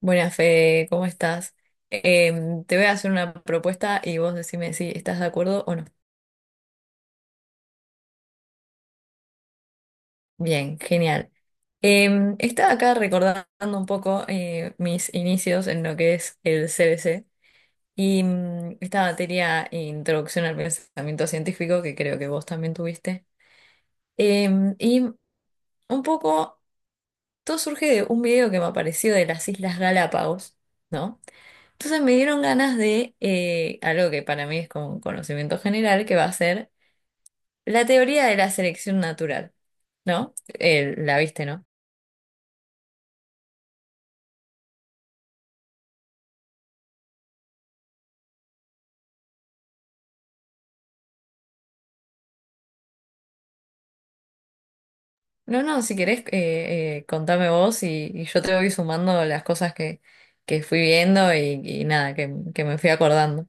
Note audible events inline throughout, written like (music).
Buenas, Fede, ¿cómo estás? Te voy a hacer una propuesta y vos decime si estás de acuerdo o no. Bien, genial. Estaba acá recordando un poco mis inicios en lo que es el CBC y mm, esta materia Introducción al Pensamiento Científico, que creo que vos también tuviste. Y un poco, todo surge de un video que me apareció de las Islas Galápagos, ¿no? Entonces me dieron ganas de algo que para mí es como un conocimiento general, que va a ser la teoría de la selección natural, ¿no? ¿La viste, no? No, no, si querés, contame vos y yo te voy sumando las cosas que fui viendo y nada, que me fui acordando.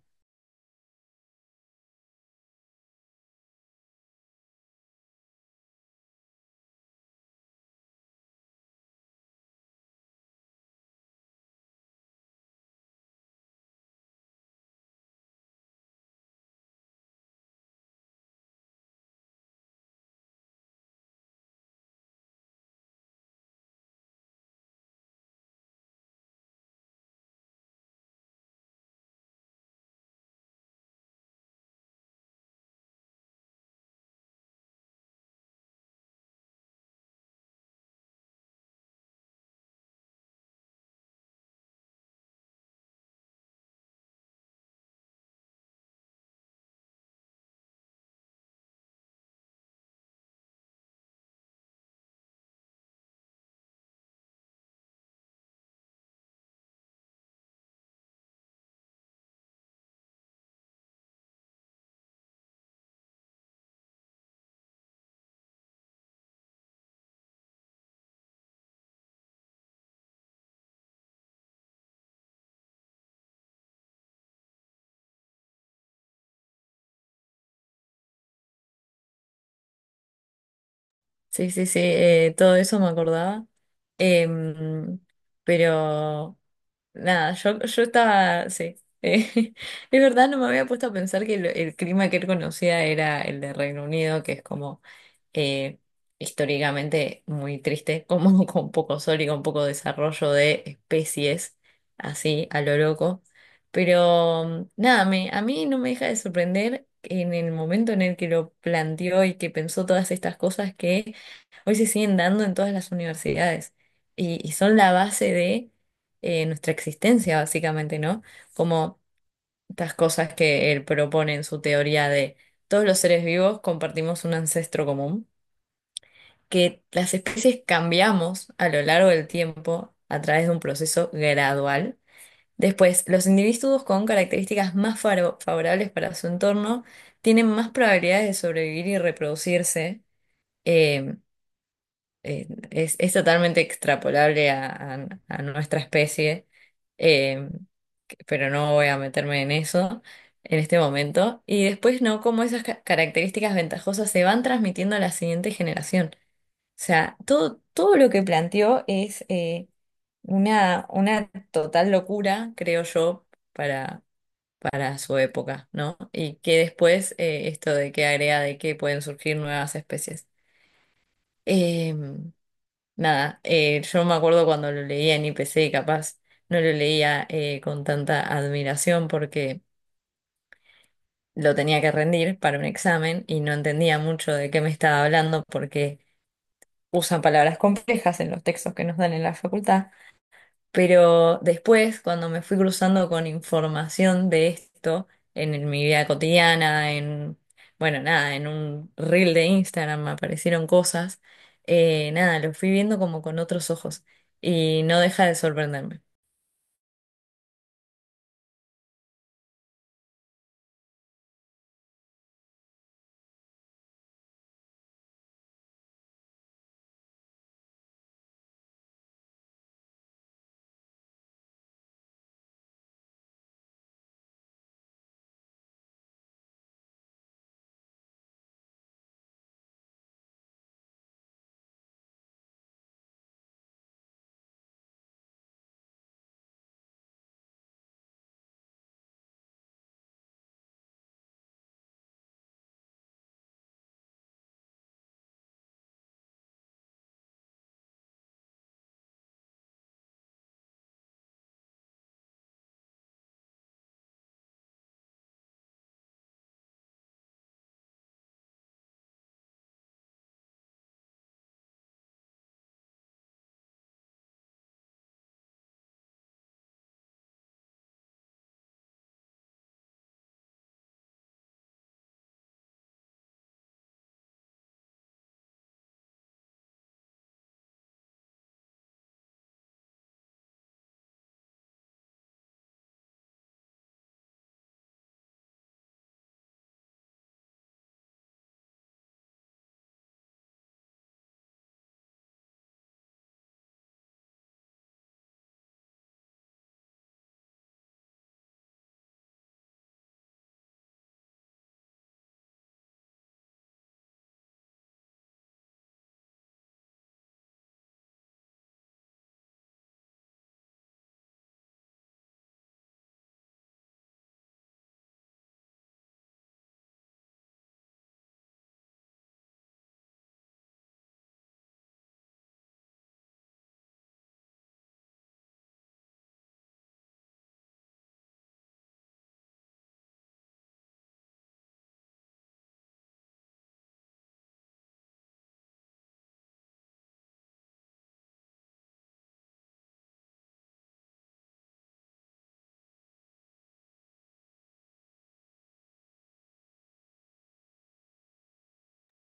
Sí, sí, sí, todo eso me acordaba. Em, pero nada, yo estaba, sí. eh, (laughs) es verdad, no me había puesto a pensar que el clima que él conocía era el de Reino Unido, que es como eh, históricamente muy triste, como (laughs) con poco sol y con poco desarrollo de especies, así a lo loco. Pero nada, a mí no me deja de sorprender en el momento en el que lo planteó y que pensó todas estas cosas que hoy se siguen dando en todas las universidades y son la base de nuestra existencia, básicamente, ¿no? Como estas cosas que él propone en su teoría de todos los seres vivos, compartimos un ancestro común, que las especies cambiamos a lo largo del tiempo a través de un proceso gradual. Después, los individuos con características más favorables para su entorno tienen más probabilidades de sobrevivir y reproducirse. Eh, es totalmente extrapolable a, a nuestra especie, eh, pero no voy a meterme en eso en este momento, y después no, cómo esas características ventajosas se van transmitiendo a la siguiente generación. O sea, todo lo que planteó es una total locura, creo yo, para, para su época, ¿no? Y que después esto de que agrega de que pueden surgir nuevas especies. Eh, nada, yo me acuerdo cuando lo leía en IPC, capaz no lo leía con tanta admiración porque lo tenía que rendir para un examen y no entendía mucho de qué me estaba hablando porque usan palabras complejas en los textos que nos dan en la facultad. Pero después, cuando me fui cruzando con información de esto en, mi vida cotidiana, en, bueno, nada, en un reel de Instagram me aparecieron cosas, nada, lo fui viendo como con otros ojos y no deja de sorprenderme.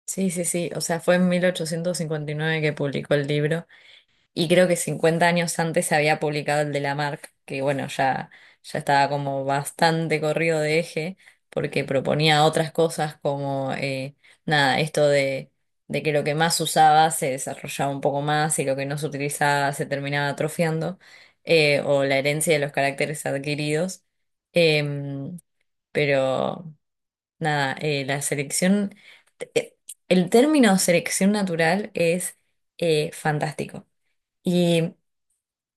Sí, sí, sí, o sea, fue en 1859 que publicó el libro. Y creo que 50 años antes se había publicado el de Lamarck, que bueno, ya, ya estaba como bastante corrido de eje, porque proponía otras cosas como, nada, esto de que lo que más usaba se desarrollaba un poco más y lo que no se utilizaba se terminaba atrofiando, o la herencia de los caracteres adquiridos. Em, pero nada, la selección, eh, el término selección natural es fantástico. Y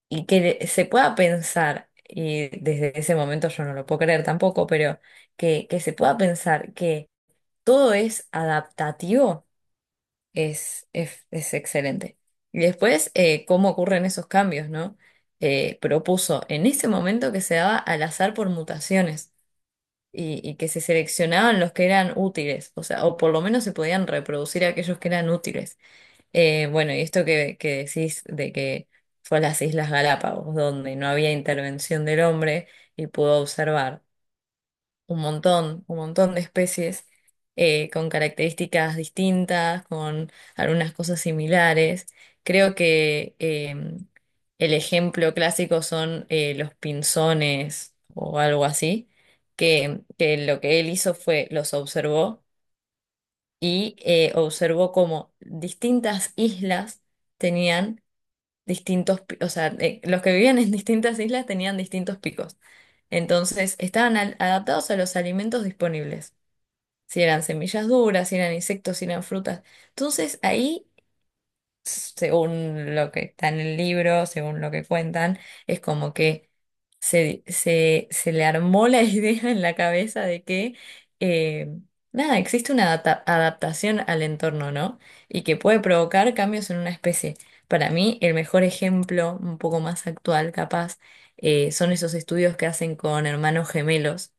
y se pueda pensar, y desde ese momento yo no lo puedo creer tampoco, pero que se pueda pensar que todo es adaptativo es excelente. Y después, cómo ocurren esos cambios, ¿no? Propuso en ese momento que se daba al azar por mutaciones y que se seleccionaban los que eran útiles, o sea, o por lo menos se podían reproducir aquellos que eran útiles. Bueno, y esto que decís de que fue a las Islas Galápagos, donde no había intervención del hombre y pudo observar un montón de especies con características distintas, con algunas cosas similares. Creo que el ejemplo clásico son los pinzones o algo así, que lo que él hizo fue los observó y observó cómo distintas islas tenían o sea, los que vivían en distintas islas tenían distintos picos. Entonces, estaban adaptados a los alimentos disponibles, si eran semillas duras, si eran insectos, si eran frutas. Entonces, ahí según lo que está en el libro, según lo que cuentan, es como que se le armó la (laughs) idea en la cabeza de que, eh, nada, existe una adaptación al entorno, ¿no? Y que puede provocar cambios en una especie. Para mí, el mejor ejemplo, un poco más actual, capaz, son esos estudios que hacen con hermanos gemelos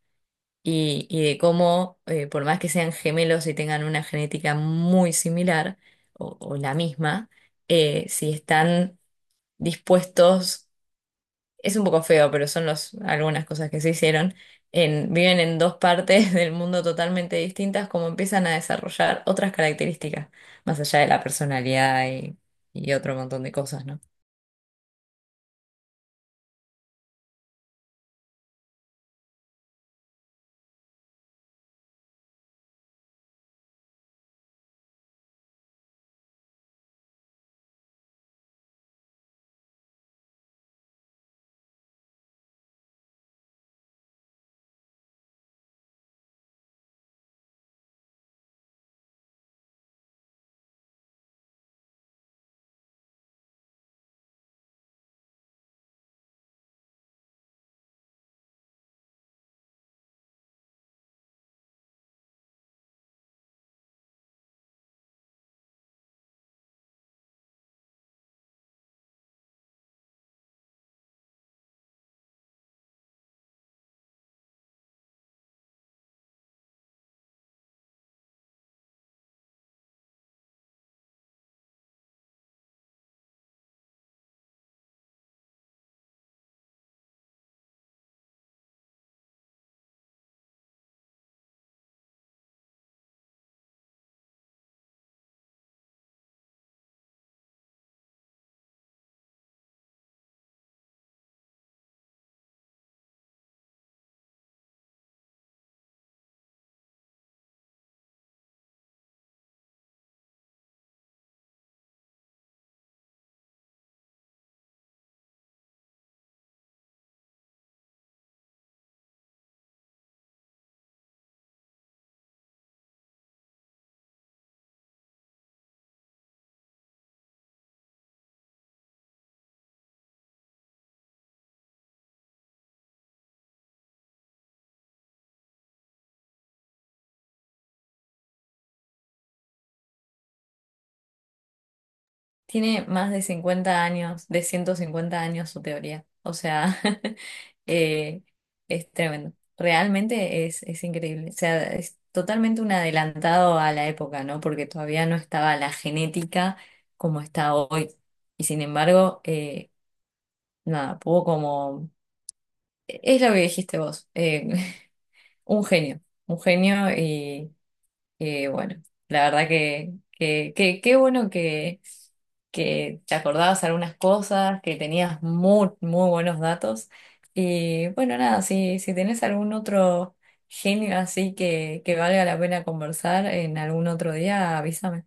y de cómo, por más que sean gemelos y tengan una genética muy similar o la misma, si están dispuestos, es un poco feo, pero son los, algunas cosas que se hicieron, en, viven en dos partes (laughs) del mundo totalmente distintas, como empiezan a desarrollar otras características, más allá de la personalidad y otro montón de cosas, ¿no? Tiene más de 50 años, de 150 años su teoría. O sea, (laughs) eh, es tremendo. Realmente es increíble. O sea, es totalmente un adelantado a la época, ¿no? Porque todavía no estaba la genética como está hoy. Y sin embargo, nada, pudo como... Es lo que dijiste vos, (laughs) un genio, un genio, bueno, la verdad qué bueno que te acordabas algunas cosas, que tenías muy, muy buenos datos. Y bueno, nada, si tenés algún otro genio así que valga la pena conversar en algún otro día, avísame.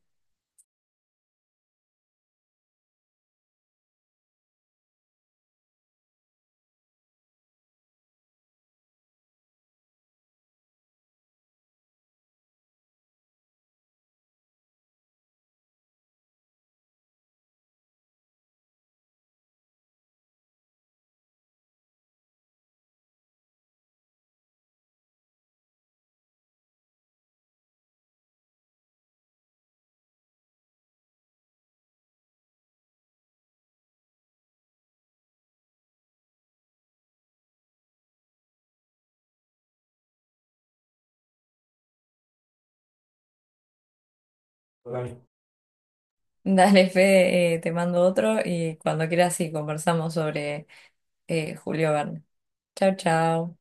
Dale. Dale, Fede, te mando otro y cuando quieras sí conversamos sobre Julio Verne. Chao, chao.